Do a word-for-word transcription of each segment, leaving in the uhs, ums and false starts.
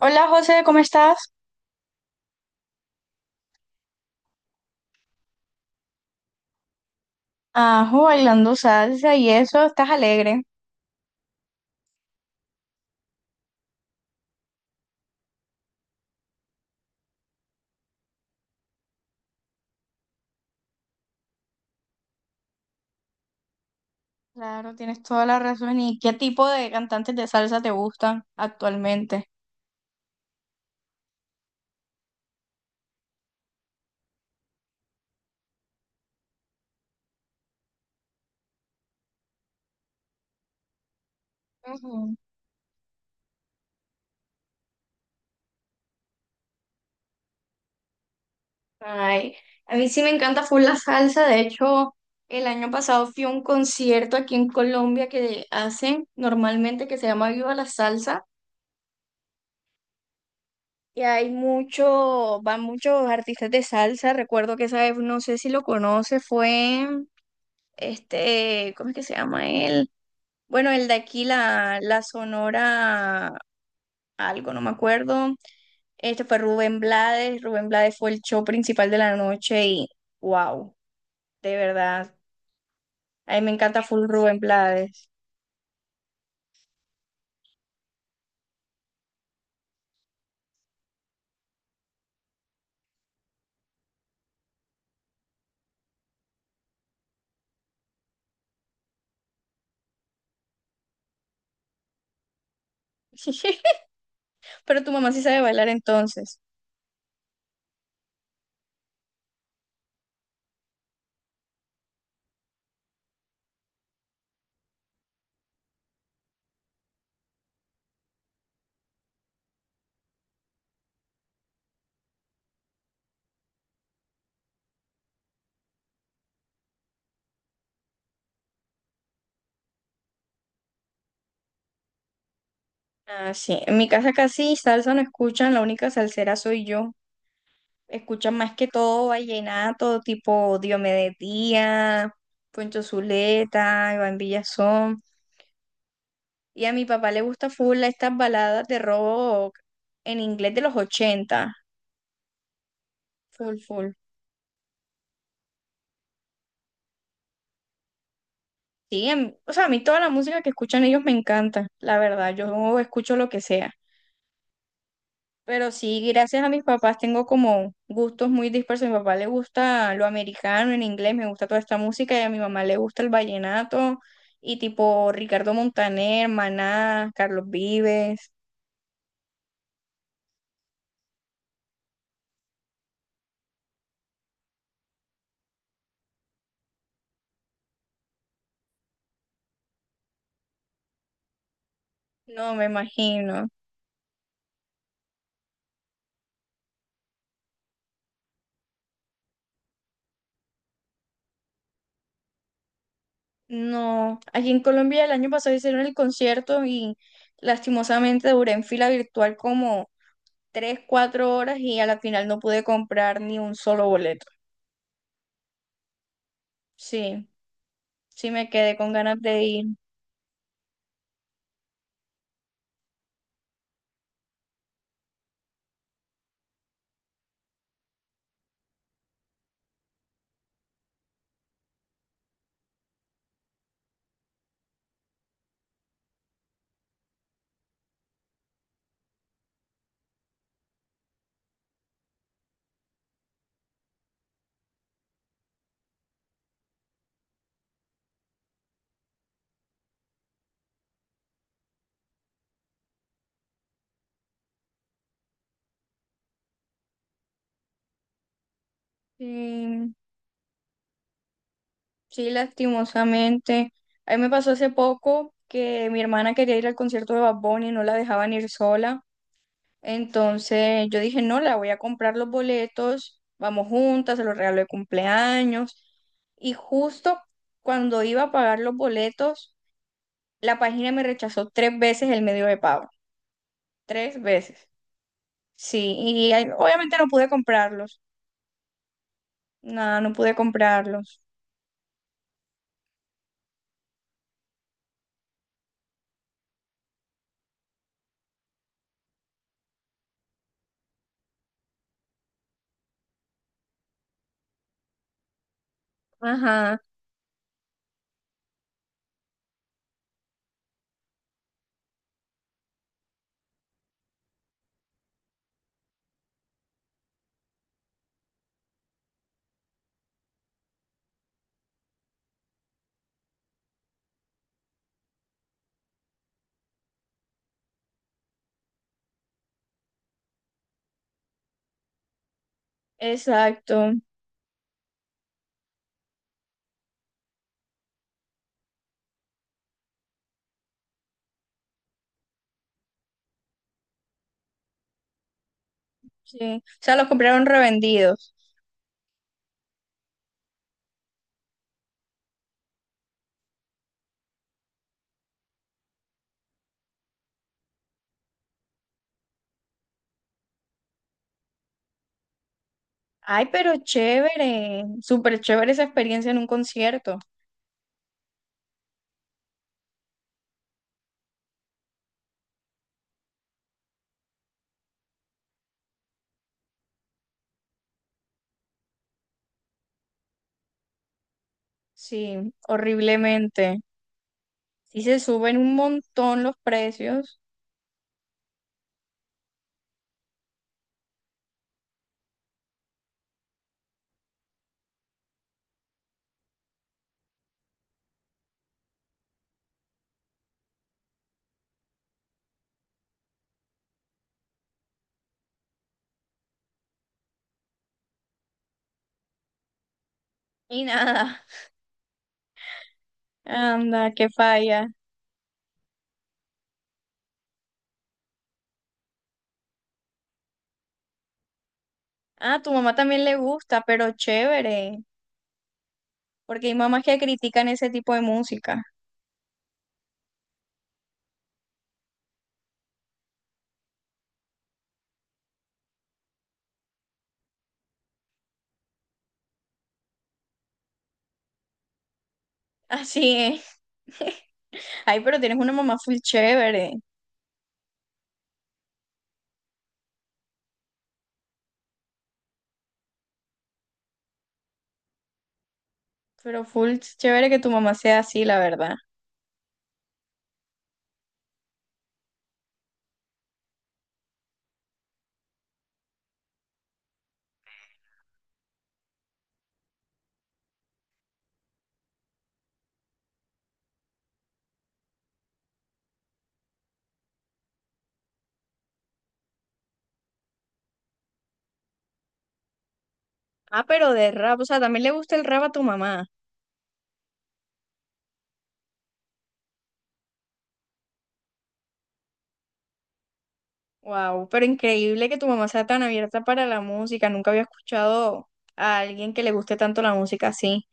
Hola José, ¿cómo estás? Ajo, bailando salsa y eso, estás alegre. Claro, tienes toda la razón. ¿Y qué tipo de cantantes de salsa te gustan actualmente? Ujú. Ay, a mí sí me encanta full la salsa. De hecho, el año pasado fui a un concierto aquí en Colombia que hacen normalmente que se llama Viva la Salsa. Y hay mucho, van muchos artistas de salsa. Recuerdo que esa vez, no sé si lo conoce, fue este, ¿cómo es que se llama él? Bueno, el de aquí, la, la Sonora, algo, no me acuerdo. Este fue Rubén Blades. Rubén Blades fue el show principal de la noche y wow, de verdad. A mí me encanta full Rubén Blades. Pero tu mamá sí sabe bailar entonces. Ah, sí. En mi casa casi salsa no escuchan, la única salsera soy yo. Escuchan más que todo vallenato, tipo Diomedes Díaz, Poncho Zuleta, Iván Villazón. Y a mi papá le gusta full estas baladas de rock en inglés de los ochenta. Full, full. Sí, em- o sea, a mí toda la música que escuchan ellos me encanta, la verdad. Yo escucho lo que sea. Pero sí, gracias a mis papás tengo como gustos muy dispersos. A mi papá le gusta lo americano en inglés, me gusta toda esta música. Y a mi mamá le gusta el vallenato y tipo Ricardo Montaner, Maná, Carlos Vives. No, me imagino. No, aquí en Colombia el año pasado hicieron el concierto y lastimosamente duré en fila virtual como tres, cuatro horas y a la final no pude comprar ni un solo boleto. Sí, sí me quedé con ganas de ir. Sí, sí, lastimosamente. A mí me pasó hace poco que mi hermana quería ir al concierto de Bad Bunny y no la dejaban ir sola. Entonces yo dije, no, la voy a comprar los boletos, vamos juntas, se los regalo de cumpleaños. Y justo cuando iba a pagar los boletos, la página me rechazó tres veces el medio de pago. Tres veces. Sí, y ahí- obviamente no pude comprarlos. No, no pude comprarlos. Ajá, exacto. Sí. O sea, los compraron revendidos. Ay, pero chévere. Súper chévere esa experiencia en un concierto. Sí, horriblemente. Sí se suben un montón los precios y nada. Anda, qué falla. Ah, a tu mamá también le gusta, pero chévere, porque hay mamás que critican ese tipo de música. Así es. Ay, pero tienes una mamá full chévere, pero full chévere que tu mamá sea así, la verdad. Ah, pero de rap, o sea, también le gusta el rap a tu mamá. Wow, pero increíble que tu mamá sea tan abierta para la música. Nunca había escuchado a alguien que le guste tanto la música así.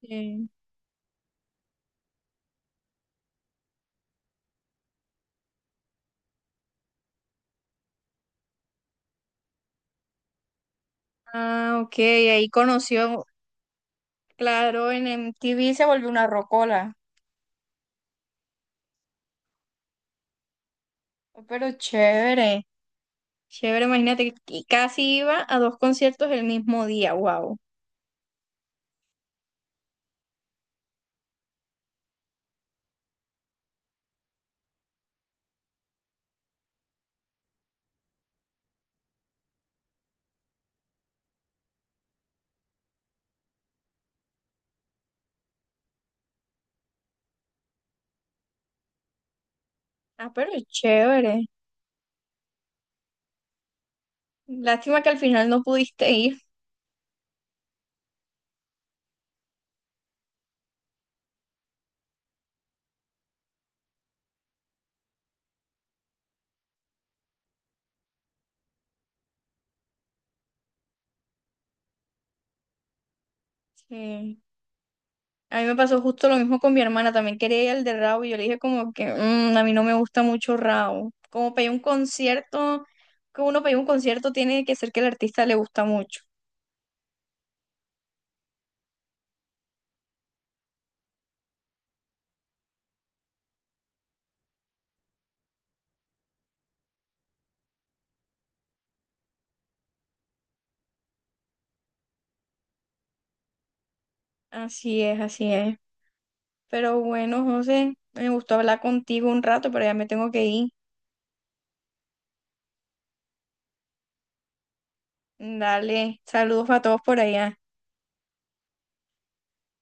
Sí. Ah, ok, ahí conoció. Claro, en M T V se volvió una rocola. Oh, pero chévere, chévere, imagínate, que casi iba a dos conciertos el mismo día, wow. Ah, pero chévere. Lástima que al final no pudiste ir. Sí. A mí me pasó justo lo mismo con mi hermana, también quería ir al de Rao y yo le dije como que "Mm, a mí no me gusta mucho Rao. Como para ir a un concierto, que uno para ir a un concierto tiene que ser que el artista le gusta mucho". Así es, así es. Pero bueno, José, me gustó hablar contigo un rato, pero ya me tengo que ir. Dale, saludos a todos por allá.